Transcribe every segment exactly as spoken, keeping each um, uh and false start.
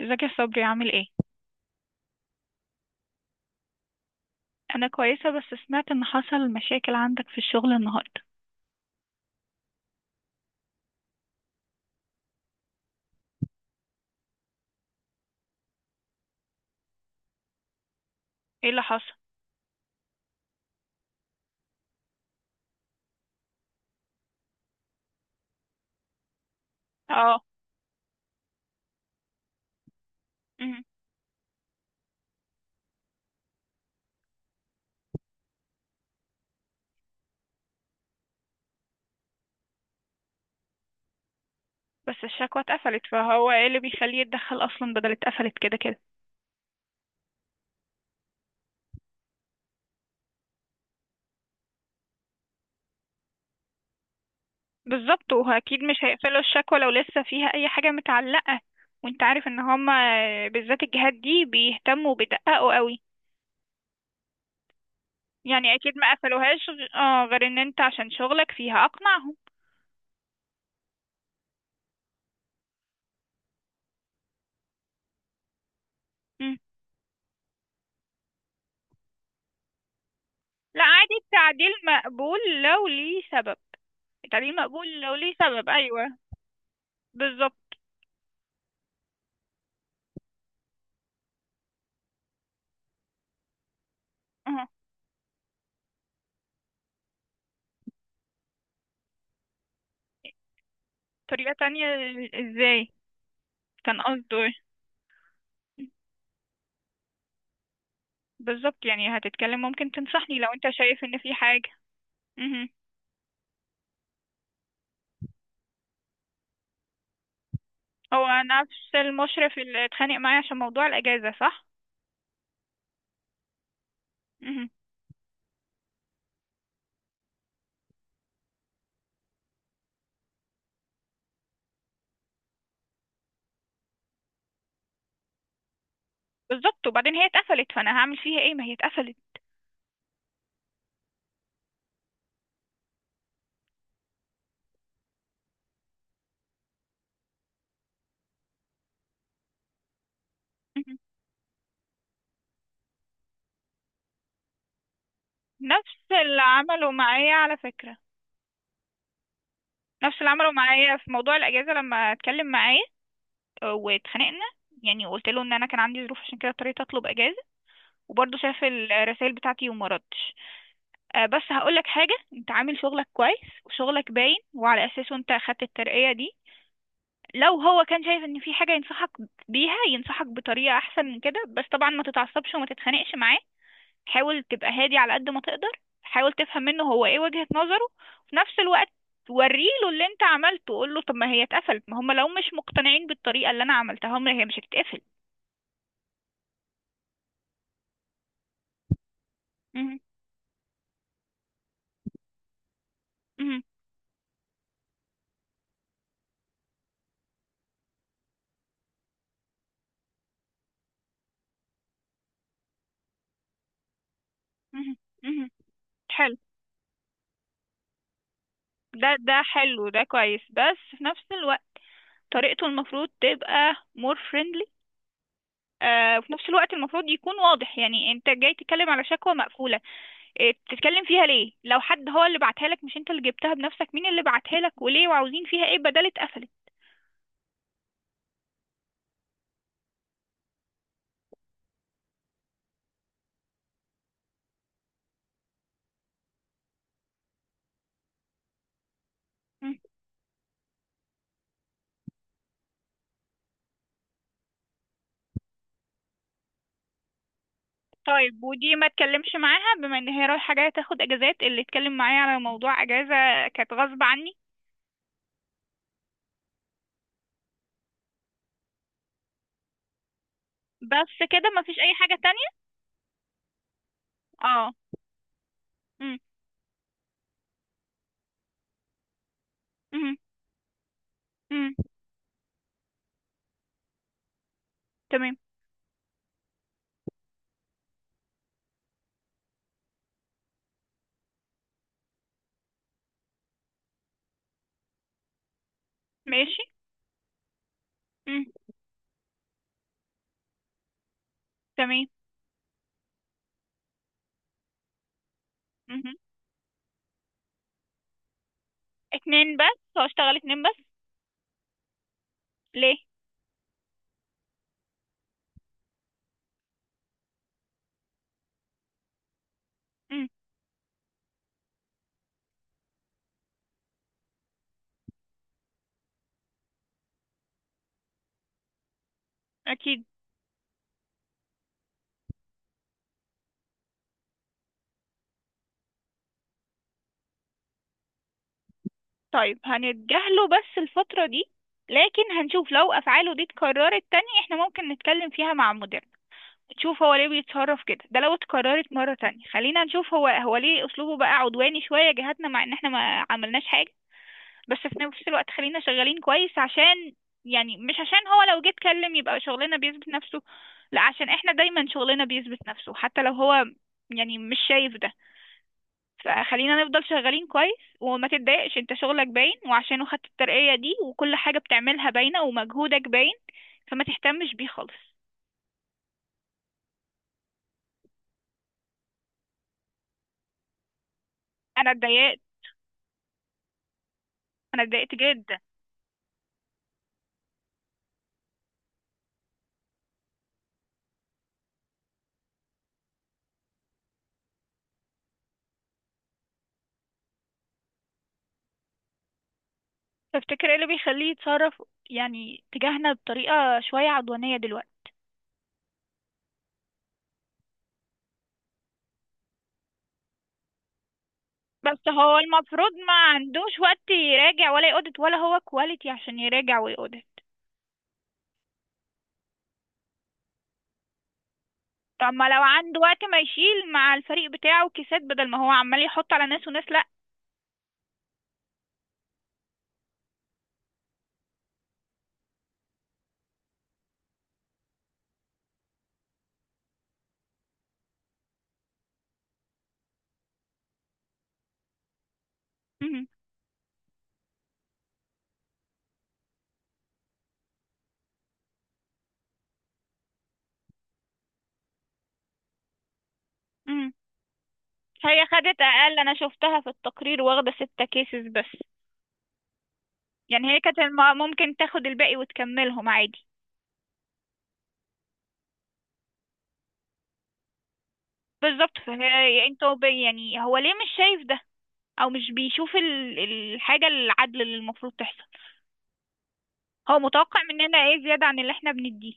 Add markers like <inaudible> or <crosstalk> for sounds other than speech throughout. ازيك يا صبري؟ عامل ايه؟ انا كويسه، بس سمعت ان حصل مشاكل عندك في الشغل النهارده. ايه اللي حصل؟ اه. امم بس الشكوى اتقفلت، فهو ايه اللي بيخليه يتدخل اصلا؟ بدل اتقفلت كده كده. بالظبط، واكيد مش هيقفلوا الشكوى لو لسه فيها اي حاجه متعلقه. وانت عارف ان هما بالذات الجهات دي بيهتموا وبيدققوا قوي. يعني اكيد ما قفلوهاش غ- اه غير ان انت عشان شغلك فيها اقنعهم. مم. لا عادي، التعديل مقبول لو ليه سبب. التعديل مقبول لو ليه سبب، ايوه. بالظبط. اه. طريقة تانية؟ ازاي؟ كان قصده ايه؟ بالظبط، يعني هتتكلم ممكن تنصحني لو انت شايف ان في حاجة. مهم. هو نفس المشرف اللي اتخانق معايا عشان موضوع الأجازة، صح؟ مهم. بالظبط، وبعدين هي اتقفلت، فانا هعمل فيها ايه؟ ما هي اتقفلت. مهم. نفس اللي عمله معايا على فكرة. نفس اللي عمله معايا في موضوع الأجازة لما اتكلم معاه. اه، واتخانقنا يعني. وقلت له ان انا كان عندي ظروف، عشان كده اضطريت اطلب اجازه. وبرضه شاف الرسائل بتاعتي وما ردش. آه، بس هقولك حاجة، انت عامل شغلك كويس وشغلك باين، وعلى اساسه انت اخدت الترقية دي. لو هو كان شايف ان في حاجة ينصحك بيها، ينصحك بطريقة احسن من كده. بس طبعا ما تتعصبش وما تتخانقش معاه. حاول تبقى هادي على قد ما تقدر. حاول تفهم منه هو ايه وجهة نظره في نفس الوقت. وريله اللي انت عملته. قول له طب ما هي اتقفلت، ما هم لو مش مقتنعين بالطريقة اللي انا عملتها هم هي مش هتتقفل. مهم. مهم. مهم. مهم. حلو. ده ده حلو، ده كويس، بس في نفس الوقت طريقته المفروض تبقى مور فريندلي. وفي نفس الوقت المفروض يكون واضح. يعني انت جاي تتكلم على شكوى مقفولة، آه، تتكلم فيها ليه؟ لو حد هو اللي بعتها لك مش انت اللي جبتها بنفسك، مين اللي بعتها لك وليه وعاوزين فيها ايه بدل اتقفلت؟ مم. طيب، ودي ما اتكلمش معاها بما ان هي رايحة جاية تاخد اجازات؟ اللي اتكلم معايا على موضوع اجازة كانت غصب عني. بس كده؟ ما فيش اي حاجة تانية؟ اه. مم. مم. مم. تمام. ماشي. مم. تمام. مم. اتنين بس؟ هو اشتغل اتنين بس؟ ليه؟ مم. أكيد. طيب، هنتجاهله بس الفترة دي. لكن هنشوف لو أفعاله دي اتكررت تاني احنا ممكن نتكلم فيها مع مديرنا. نشوف هو ليه بيتصرف كده. ده لو اتكررت مرة تانية، خلينا نشوف هو هو ليه أسلوبه بقى عدواني شوية جهاتنا مع إن احنا ما عملناش حاجة. بس في نفس الوقت خلينا شغالين كويس، عشان يعني مش عشان هو لو جه اتكلم يبقى شغلنا بيثبت نفسه. لا، عشان احنا دايما شغلنا بيثبت نفسه حتى لو هو يعني مش شايف ده. فخلينا نفضل شغالين كويس وما تتضايقش. انت شغلك باين وعشانه خدت الترقية دي، وكل حاجة بتعملها باينة ومجهودك باين. فما تهتمش بيه خالص. انا اتضايقت. انا اتضايقت جدا. تفتكر ايه اللي بيخليه يتصرف يعني تجاهنا بطريقة شوية عدوانية دلوقتي؟ بس هو المفروض ما عندوش وقت يراجع ولا يقودت، ولا هو كواليتي عشان يراجع ويقودت؟ طب ما لو عنده وقت ما يشيل مع الفريق بتاعه كيسات بدل ما هو عمال يحط على ناس وناس؟ لا. مهم. مهم. هي خدت اقل، انا شفتها في التقرير واخده ستة كيسز بس. يعني هي كانت الم- ممكن تاخد الباقي وتكملهم عادي. بالظبط، فهي انت وب- يعني هو ليه مش شايف ده؟ او مش بيشوف ال- الحاجه العدل اللي المفروض تحصل؟ هو متوقع مننا ايه زياده عن اللي احنا بنديه؟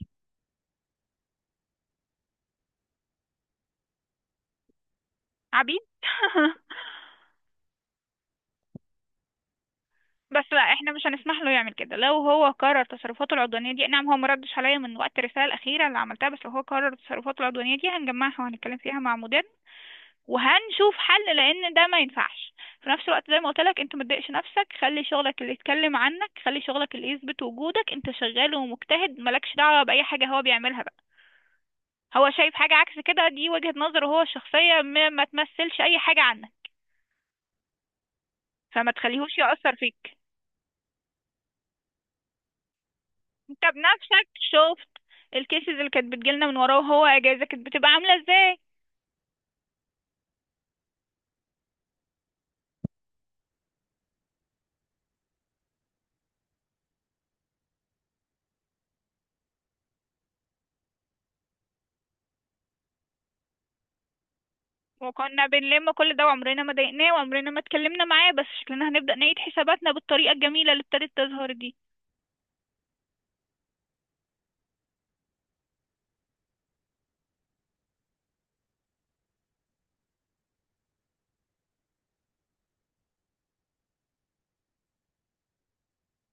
عبيد. <laughs> بس لا، احنا مش هنسمح له يعمل كده لو هو كرر تصرفاته العدوانيه دي. نعم هو ما ردش عليا من وقت الرساله الاخيره اللي عملتها، بس لو هو كرر تصرفاته العدوانيه دي هنجمعها وهنتكلم فيها مع مديرنا. وهنشوف حل، لان ده ما ينفعش. في نفس الوقت، زي ما قلت لك، انت ما تضايقش نفسك. خلي شغلك اللي يتكلم عنك. خلي شغلك اللي يثبت وجودك. انت شغال ومجتهد، مالكش دعوة بأي حاجة هو بيعملها بقى. هو شايف حاجة عكس كده، دي وجهة نظره هو الشخصية، ما, ما تمثلش أي حاجة عنك. فما تخليهوش يأثر فيك. انت بنفسك شفت الكيسز اللي كانت بتجيلنا من وراه وهو اجازة، كانت بتبقى عاملة ازاي. وكنا بنلم كل ده، وعمرنا ما ضايقناه وعمرنا ما اتكلمنا معاه، بس شكلنا هنبدأ نعيد حساباتنا بالطريقة الجميلة اللي ابتدت تظهر دي.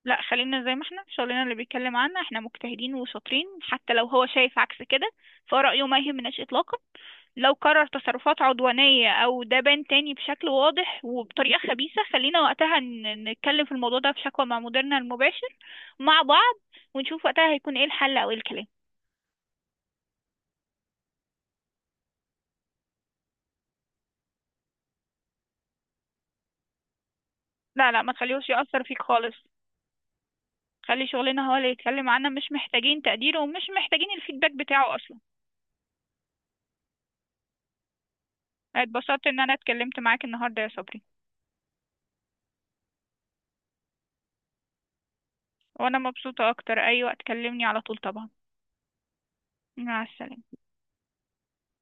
لا، خلينا زي ما احنا، شغلنا اللي بيتكلم عنا، احنا مجتهدين وشاطرين حتى لو هو شايف عكس كده. فرأيه ما يهمناش اطلاقا. لو قرر تصرفات عدوانية او ده بان تاني بشكل واضح وبطريقة خبيثة، خلينا وقتها ن- نتكلم في الموضوع ده في شكوى مع مديرنا المباشر مع بعض. ونشوف وقتها هيكون ايه الحل او ايه الكلام. لا لا، ما تخليهوش يأثر فيك خالص. خلي شغلنا هو اللي يتكلم عنا، مش محتاجين تقديره ومش محتاجين الفيدباك بتاعه اصلا. اتبسطت ان انا اتكلمت معاك النهارده يا صبري. وانا مبسوطة اكتر، اي وقت كلمني على طول طبعا. مع السلامة.